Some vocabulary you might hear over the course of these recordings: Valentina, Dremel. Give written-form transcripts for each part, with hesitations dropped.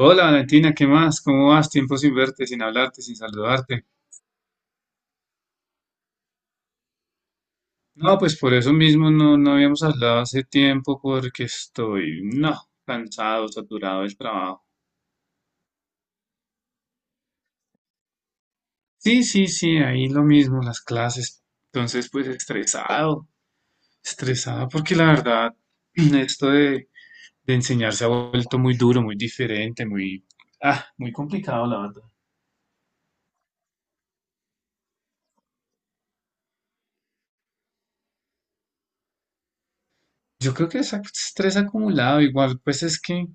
Hola Valentina, ¿qué más? ¿Cómo vas? Tiempo sin verte, sin hablarte, sin saludarte. No, pues por eso mismo no habíamos hablado hace tiempo porque estoy, no, cansado, saturado del trabajo. Sí, sí, sí, ahí lo mismo, las clases. Entonces, pues estresado, estresado porque la verdad, esto de enseñar se ha vuelto muy duro, muy diferente, muy, muy complicado, la verdad. Yo creo que es estrés acumulado, igual, pues es que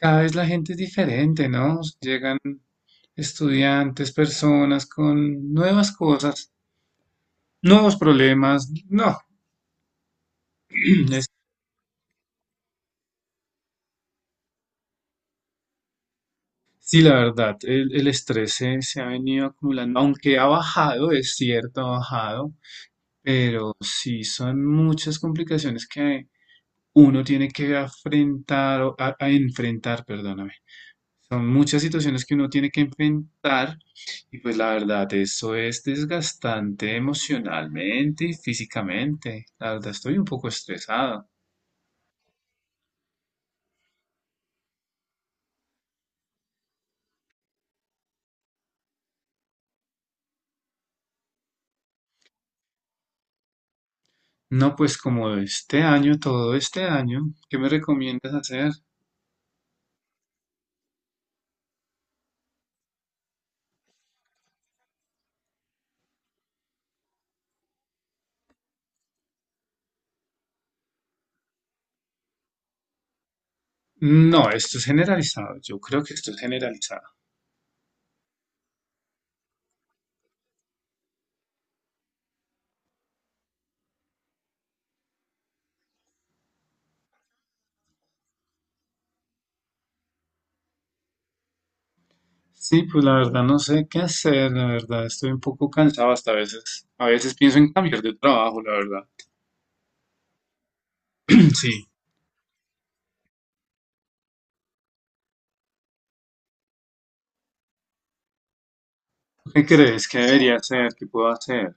cada vez la gente es diferente, ¿no? Llegan estudiantes, personas con nuevas cosas, nuevos problemas. No, es- sí, la verdad, el estrés se ha venido acumulando, aunque ha bajado, es cierto, ha bajado, pero sí son muchas complicaciones que uno tiene que afrontar, o a enfrentar, perdóname. Son muchas situaciones que uno tiene que enfrentar y pues la verdad, eso es desgastante emocionalmente y físicamente. La verdad, estoy un poco estresado. No, pues como este año, todo este año, ¿qué me recomiendas hacer? No, esto es generalizado, yo creo que esto es generalizado. Sí, pues la verdad no sé qué hacer, la verdad estoy un poco cansado hasta a veces. A veces pienso en cambiar de trabajo, la verdad. Sí. ¿Qué crees que debería hacer? ¿Qué puedo hacer?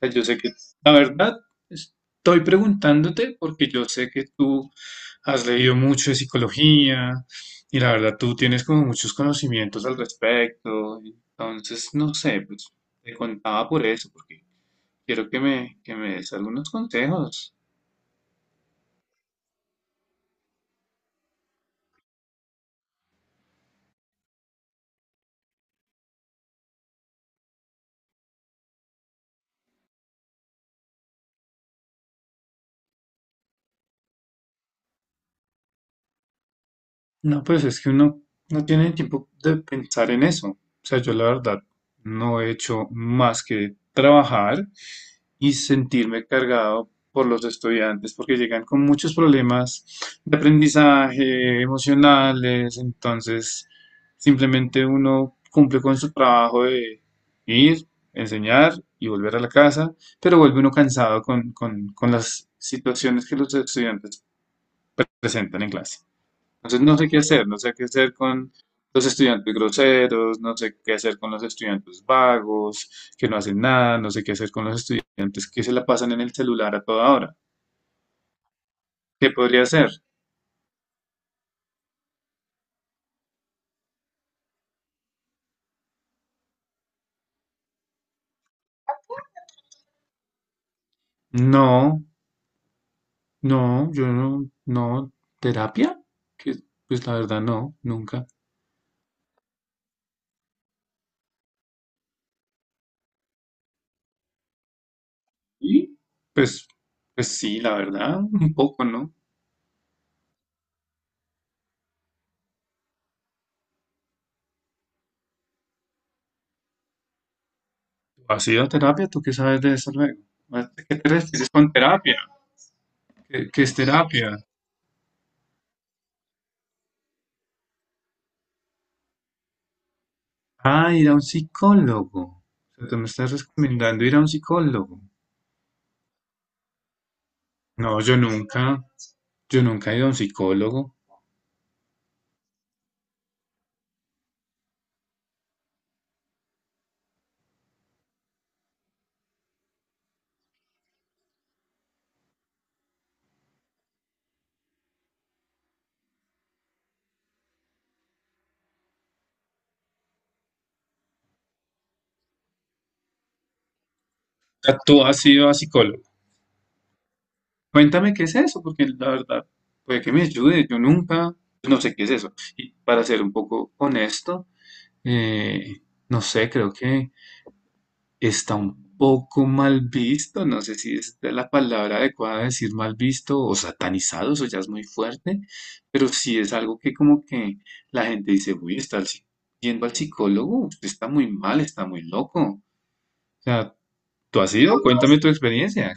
Sea, yo sé que la verdad estoy preguntándote porque yo sé que tú has leído mucho de psicología y la verdad tú tienes como muchos conocimientos al respecto. Entonces, no sé, pues te contaba por eso, porque quiero que que me des algunos consejos. No, pues es que uno no tiene tiempo de pensar en eso. O sea, yo la verdad no he hecho más que trabajar y sentirme cargado por los estudiantes, porque llegan con muchos problemas de aprendizaje, emocionales, entonces simplemente uno cumple con su trabajo de ir, enseñar y volver a la casa, pero vuelve uno cansado con, con las situaciones que los estudiantes presentan en clase. Entonces no sé qué hacer, no sé qué hacer con los estudiantes groseros, no sé qué hacer con los estudiantes vagos, que no hacen nada, no sé qué hacer con los estudiantes que se la pasan en el celular a toda hora. ¿Qué podría hacer? No, no, yo no, no, terapia, que pues la verdad no, nunca. Y pues, pues sí, la verdad, un poco, ¿no? ¿Has ido a terapia? ¿Tú qué sabes de eso luego? ¿A qué te refieres con terapia? ¿Qué, qué es terapia? Ah, ir a un psicólogo. O sea, tú me estás recomendando ir a un psicólogo. No, yo nunca he ido a un psicólogo. O sea, tú has ido a psicólogo. Cuéntame qué es eso, porque la verdad, puede que me ayude. Yo nunca, no sé qué es eso. Y para ser un poco honesto, eh, no sé, creo que está un poco mal visto, no sé si es de la palabra adecuada decir mal visto o satanizado, eso ya es muy fuerte, pero sí es algo que como que la gente dice, uy, yendo al psicólogo, usted está muy mal, está muy loco. O sea, ¿tú has ido? Cuéntame tu experiencia,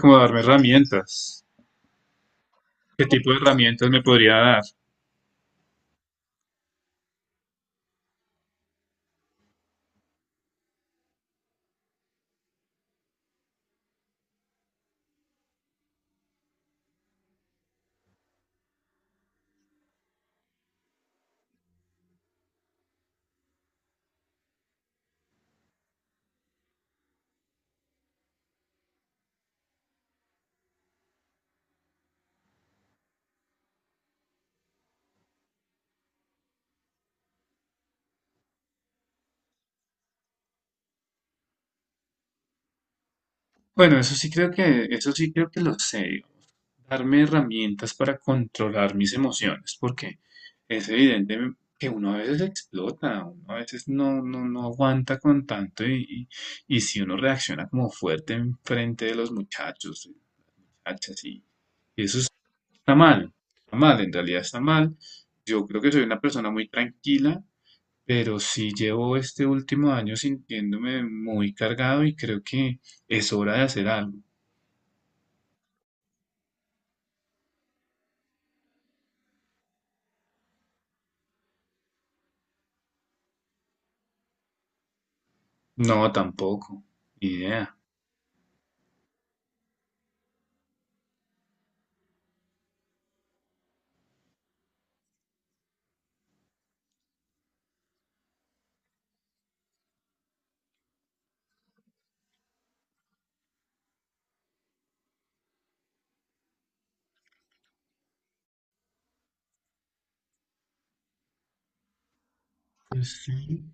como darme herramientas. ¿Qué tipo de herramientas me podría dar? Bueno, eso sí creo que, eso sí creo que lo sé. Darme herramientas para controlar mis emociones, porque es evidente que uno a veces explota, uno a veces no aguanta con tanto y, y si uno reacciona como fuerte en frente de los muchachos, muchachas, y eso está mal, en realidad está mal. Yo creo que soy una persona muy tranquila, pero sí llevo este último año sintiéndome muy cargado y creo que es hora de hacer algo. No, tampoco, ni idea. Pues sí.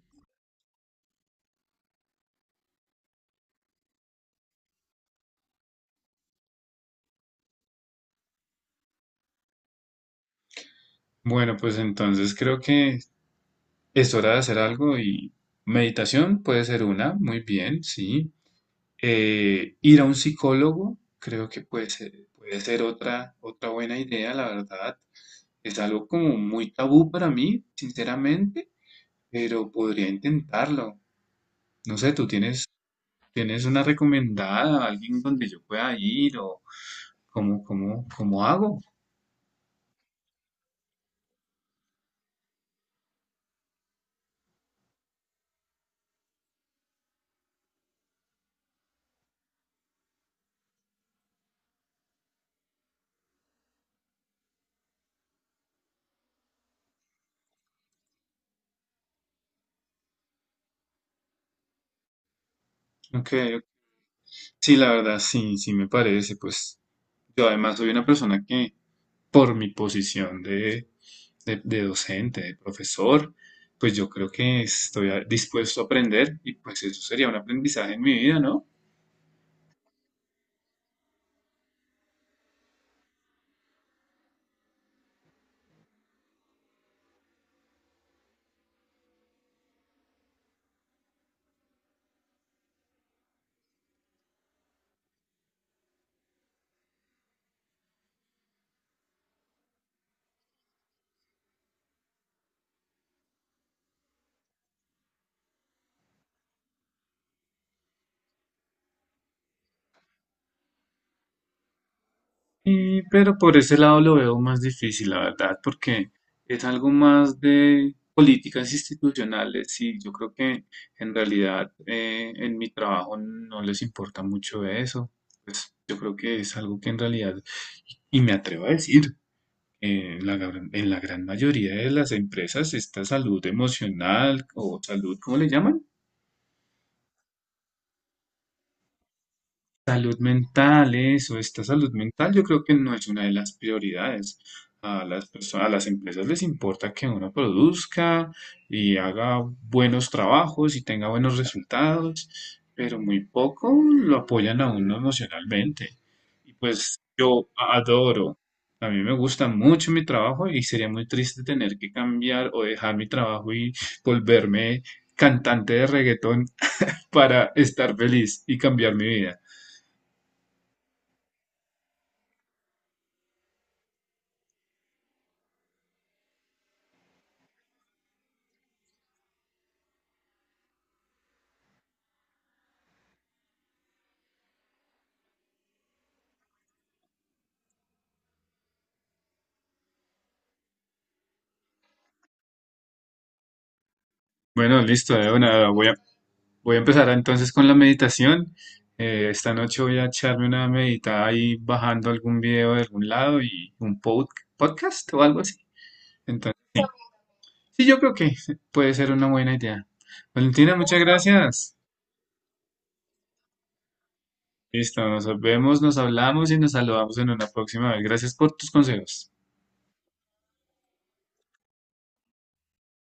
Bueno, pues entonces creo que es hora de hacer algo y meditación puede ser una, muy bien, sí. Ir a un psicólogo creo que puede ser otra, otra buena idea, la verdad. Es algo como muy tabú para mí, sinceramente, pero podría intentarlo. No sé, ¿tú tienes, tienes una recomendada, alguien donde yo pueda ir o cómo, cómo, cómo hago? Ok, ok. Sí, la verdad, sí, sí me parece. Pues yo además soy una persona que por mi posición de docente, de profesor, pues yo creo que estoy dispuesto a aprender y pues eso sería un aprendizaje en mi vida, ¿no? Y, pero por ese lado lo veo más difícil, la verdad, porque es algo más de políticas institucionales y yo creo que en realidad en mi trabajo no les importa mucho eso. Pues yo creo que es algo que en realidad, y me atrevo a decir, en la, en la gran mayoría de las empresas, esta salud emocional o salud, ¿cómo le llaman? Salud mental, eso, esta salud mental yo creo que no es una de las prioridades. A a las empresas les importa que uno produzca y haga buenos trabajos y tenga buenos resultados, pero muy poco lo apoyan a uno emocionalmente. Y pues yo adoro, a mí me gusta mucho mi trabajo y sería muy triste tener que cambiar o dejar mi trabajo y volverme cantante de reggaetón para estar feliz y cambiar mi vida. Bueno, listo, de una. Voy a, voy a empezar entonces con la meditación. Esta noche voy a echarme una meditada ahí bajando algún video de algún lado y un podcast o algo así. Entonces, sí, yo creo que puede ser una buena idea. Valentina, muchas gracias. Listo, nos vemos, nos hablamos y nos saludamos en una próxima vez. Gracias por tus consejos.